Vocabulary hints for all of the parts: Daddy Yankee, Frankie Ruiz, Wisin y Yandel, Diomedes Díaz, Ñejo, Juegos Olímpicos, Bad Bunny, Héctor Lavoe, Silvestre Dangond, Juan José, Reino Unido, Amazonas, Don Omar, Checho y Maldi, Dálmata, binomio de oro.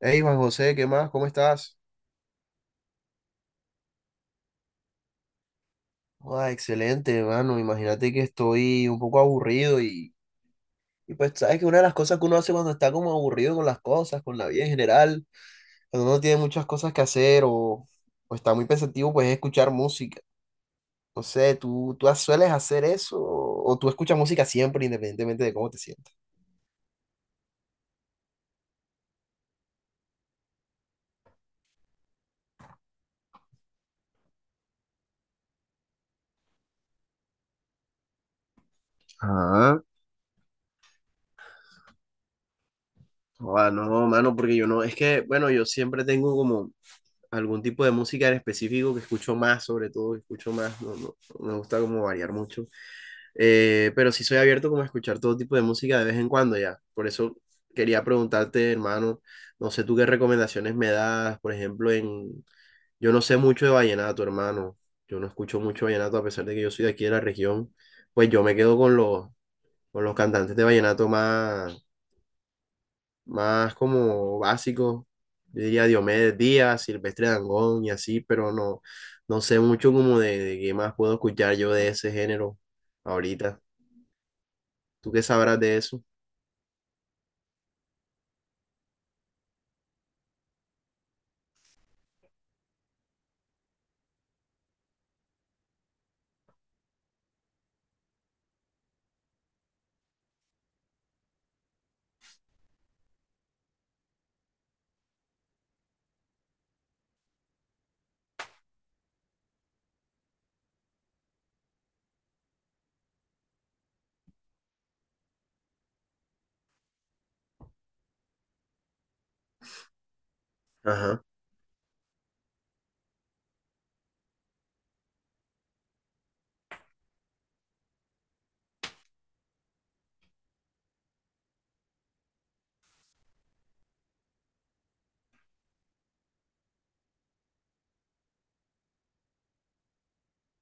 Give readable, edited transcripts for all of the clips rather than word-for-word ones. Hey Juan José, ¿qué más? ¿Cómo estás? Joda, excelente, hermano. Imagínate que estoy un poco aburrido y pues sabes que una de las cosas que uno hace cuando está como aburrido con las cosas, con la vida en general, cuando uno tiene muchas cosas que hacer o está muy pensativo, pues es escuchar música. No sé, ¿tú sueles hacer eso o tú escuchas música siempre independientemente de cómo te sientas? Ah, no, mano, porque yo no, es que, bueno, yo siempre tengo como, algún tipo de música en específico que escucho más, sobre todo, que escucho más, no, no, no me gusta como variar mucho. Pero sí soy abierto como a escuchar todo tipo de música de vez en cuando ya, por eso quería preguntarte, hermano, no sé tú qué recomendaciones me das, por ejemplo, en, yo no sé mucho de vallenato, hermano, yo no escucho mucho vallenato a pesar de que yo soy de aquí de la región, pues yo me quedo con los cantantes de vallenato más más como básico. Yo diría Diomedes Díaz, Silvestre Dangond y así, pero no, no sé mucho como de qué más puedo escuchar yo de ese género ahorita. ¿Tú qué sabrás de eso? Ajá.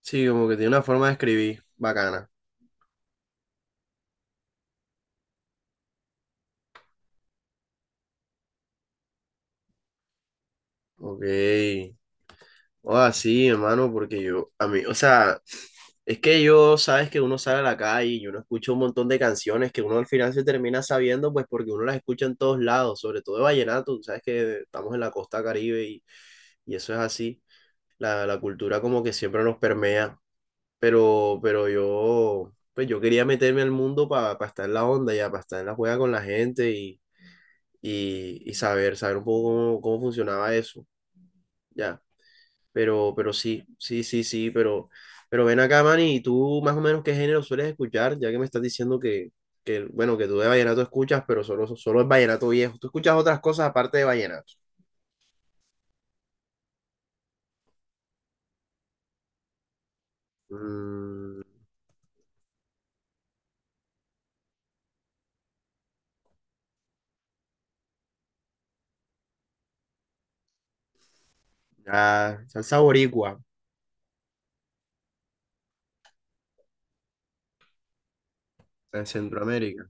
Sí, como que tiene una forma de escribir bacana. Ok. O así, hermano, porque yo, a mí, o sea, es que yo, sabes que uno sale a la calle y uno escucha un montón de canciones que uno al final se termina sabiendo, pues porque uno las escucha en todos lados, sobre todo de vallenato, tú sabes que estamos en la costa Caribe. Y eso es así. La cultura como que siempre nos permea. Pero yo, pues yo quería meterme al mundo para estar en la onda ya, para estar en la juega con la gente y saber, saber un poco cómo, cómo funcionaba eso. Ya. Pero sí, sí, sí, sí, pero, ven acá, Manny, ¿y tú más o menos qué género sueles escuchar? Ya que me estás diciendo que bueno, que tú de vallenato escuchas, pero solo es vallenato viejo. ¿Tú escuchas otras cosas aparte de vallenato? Mm, ah, salsa boricua, en Centroamérica.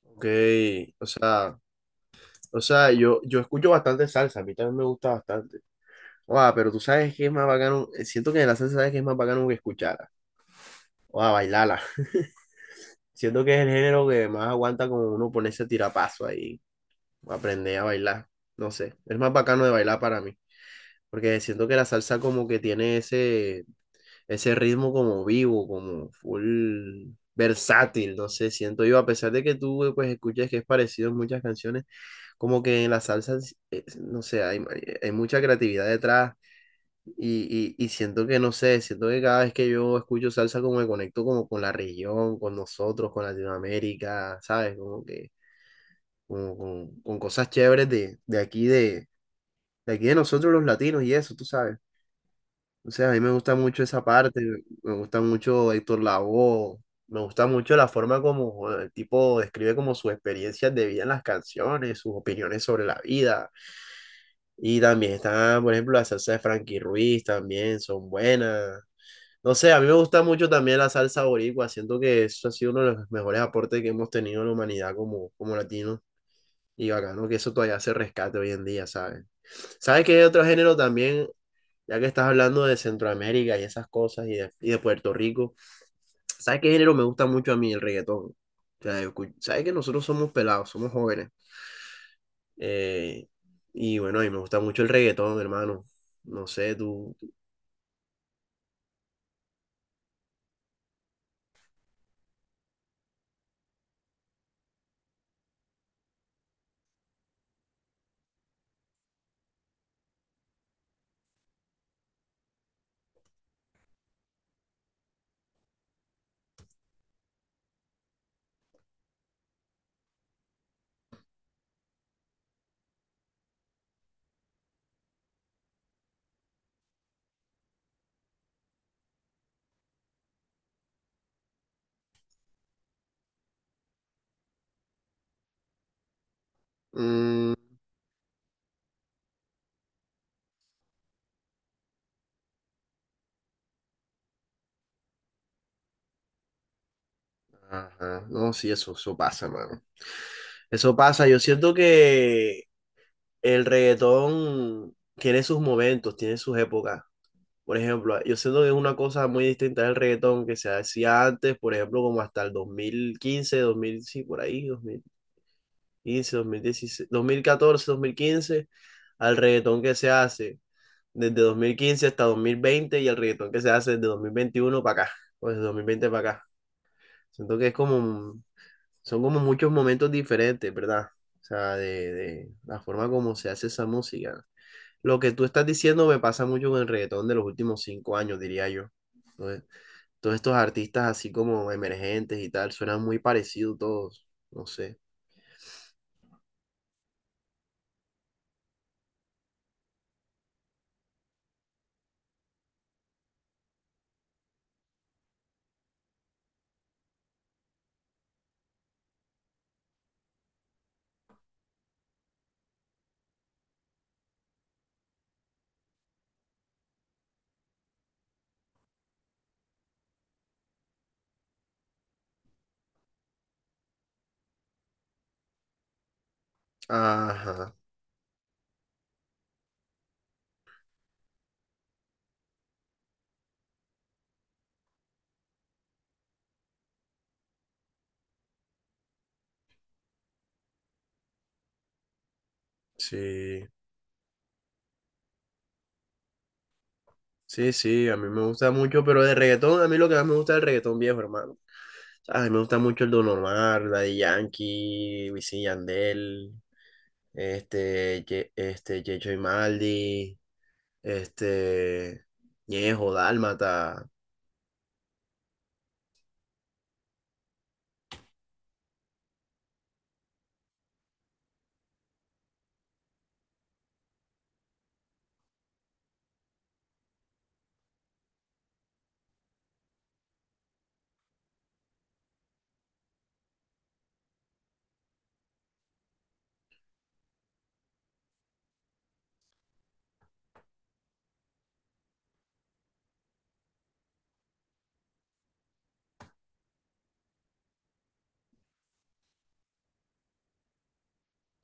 Ok, o sea, yo escucho bastante salsa, a mí también me gusta bastante. Guau, pero tú sabes que es más bacano, siento que de la salsa sabes que es más bacano que escucharla, o a bailarla. Siento que es el género que más aguanta como uno ponerse a tirapaso ahí, aprender a bailar, no sé, es más bacano de bailar para mí, porque siento que la salsa como que tiene ese, ese ritmo como vivo, como full versátil, no sé, siento yo, a pesar de que tú pues escuches que es parecido en muchas canciones como que en las salsas, no sé, hay mucha creatividad detrás y siento que, no sé, siento que cada vez que yo escucho salsa como me conecto como con la región, con nosotros, con Latinoamérica, ¿sabes? Como que como con cosas chéveres de aquí, de aquí de nosotros los latinos y eso, tú sabes. O sea, a mí me gusta mucho esa parte, me gusta mucho Héctor Lavoe, me gusta mucho la forma como el tipo describe como sus experiencias de vida en las canciones, sus opiniones sobre la vida. Y también está, por ejemplo, la salsa de Frankie Ruiz, también son buenas. No sé, a mí me gusta mucho también la salsa boricua, siento que eso ha sido uno de los mejores aportes que hemos tenido en la humanidad como, como latinos. Y bacano que eso todavía se rescate hoy en día, ¿sabes? ¿Sabes qué hay otro género también? Ya que estás hablando de Centroamérica y esas cosas y de Puerto Rico, ¿sabes qué género me gusta mucho a mí? El reggaetón. O sea, ¿sabes que nosotros somos pelados, somos jóvenes? Eh, y bueno, a mí me gusta mucho el reggaetón, hermano. No sé, tú. Mm, ajá. No, sí, eso pasa, mano. Eso pasa. Yo siento que el reggaetón tiene sus momentos, tiene sus épocas. Por ejemplo, yo siento que es una cosa muy distinta del reggaetón que se hacía antes, por ejemplo, como hasta el 2015 dos mil sí, por ahí, dos mil 15 16 14 2015 al reggaetón que se hace, desde 2015 hasta 2020 y el reggaetón que se hace desde 2021 para acá, o desde 2020 para acá. Siento que es como, son como muchos momentos diferentes, ¿verdad? O sea, de la forma como se hace esa música. Lo que tú estás diciendo me pasa mucho con el reggaetón de los últimos 5 años, diría yo. Entonces, todos estos artistas así como emergentes y tal, suenan muy parecidos todos, no sé. Ajá, sí. Sí, sí, a mí me gusta mucho, pero de reggaetón, a mí lo que más me gusta es el reggaetón viejo, hermano. A mí me gusta mucho el Don Omar, Daddy Yankee, Wisin y Yandel, este, este, Checho y Maldi, este, Ñejo, Dálmata.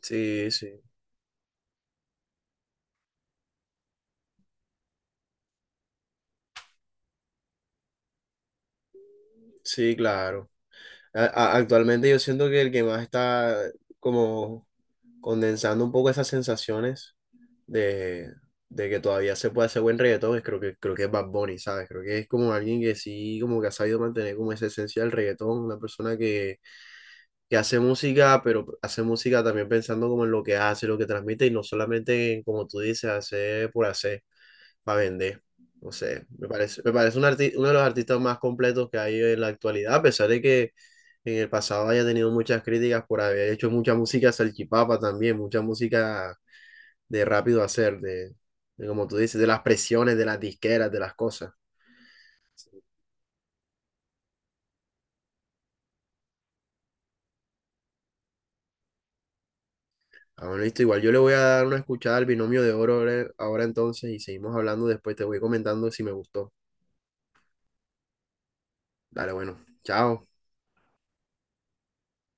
Sí, sí, sí, claro. Actualmente yo siento que el que más está como condensando un poco esas sensaciones de, de que todavía se puede hacer buen reggaetón, creo que es Bad Bunny, ¿sabes? Creo que es como alguien que sí, como que ha sabido mantener como esa esencia del reggaetón, una persona que hace música, pero hace música también pensando como en lo que hace, lo que transmite y no solamente en, como tú dices, hacer por hacer, para vender. No sé, me parece un uno de los artistas más completos que hay en la actualidad, a pesar de que en el pasado haya tenido muchas críticas por haber hecho mucha música salchipapa también, mucha música de rápido hacer, de como tú dices, de las presiones, de las disqueras, de las cosas. Ah, bueno, listo, igual yo le voy a dar una escuchada al binomio de oro ahora ahora entonces y seguimos hablando después, te voy comentando si me gustó. Dale, bueno. Chao.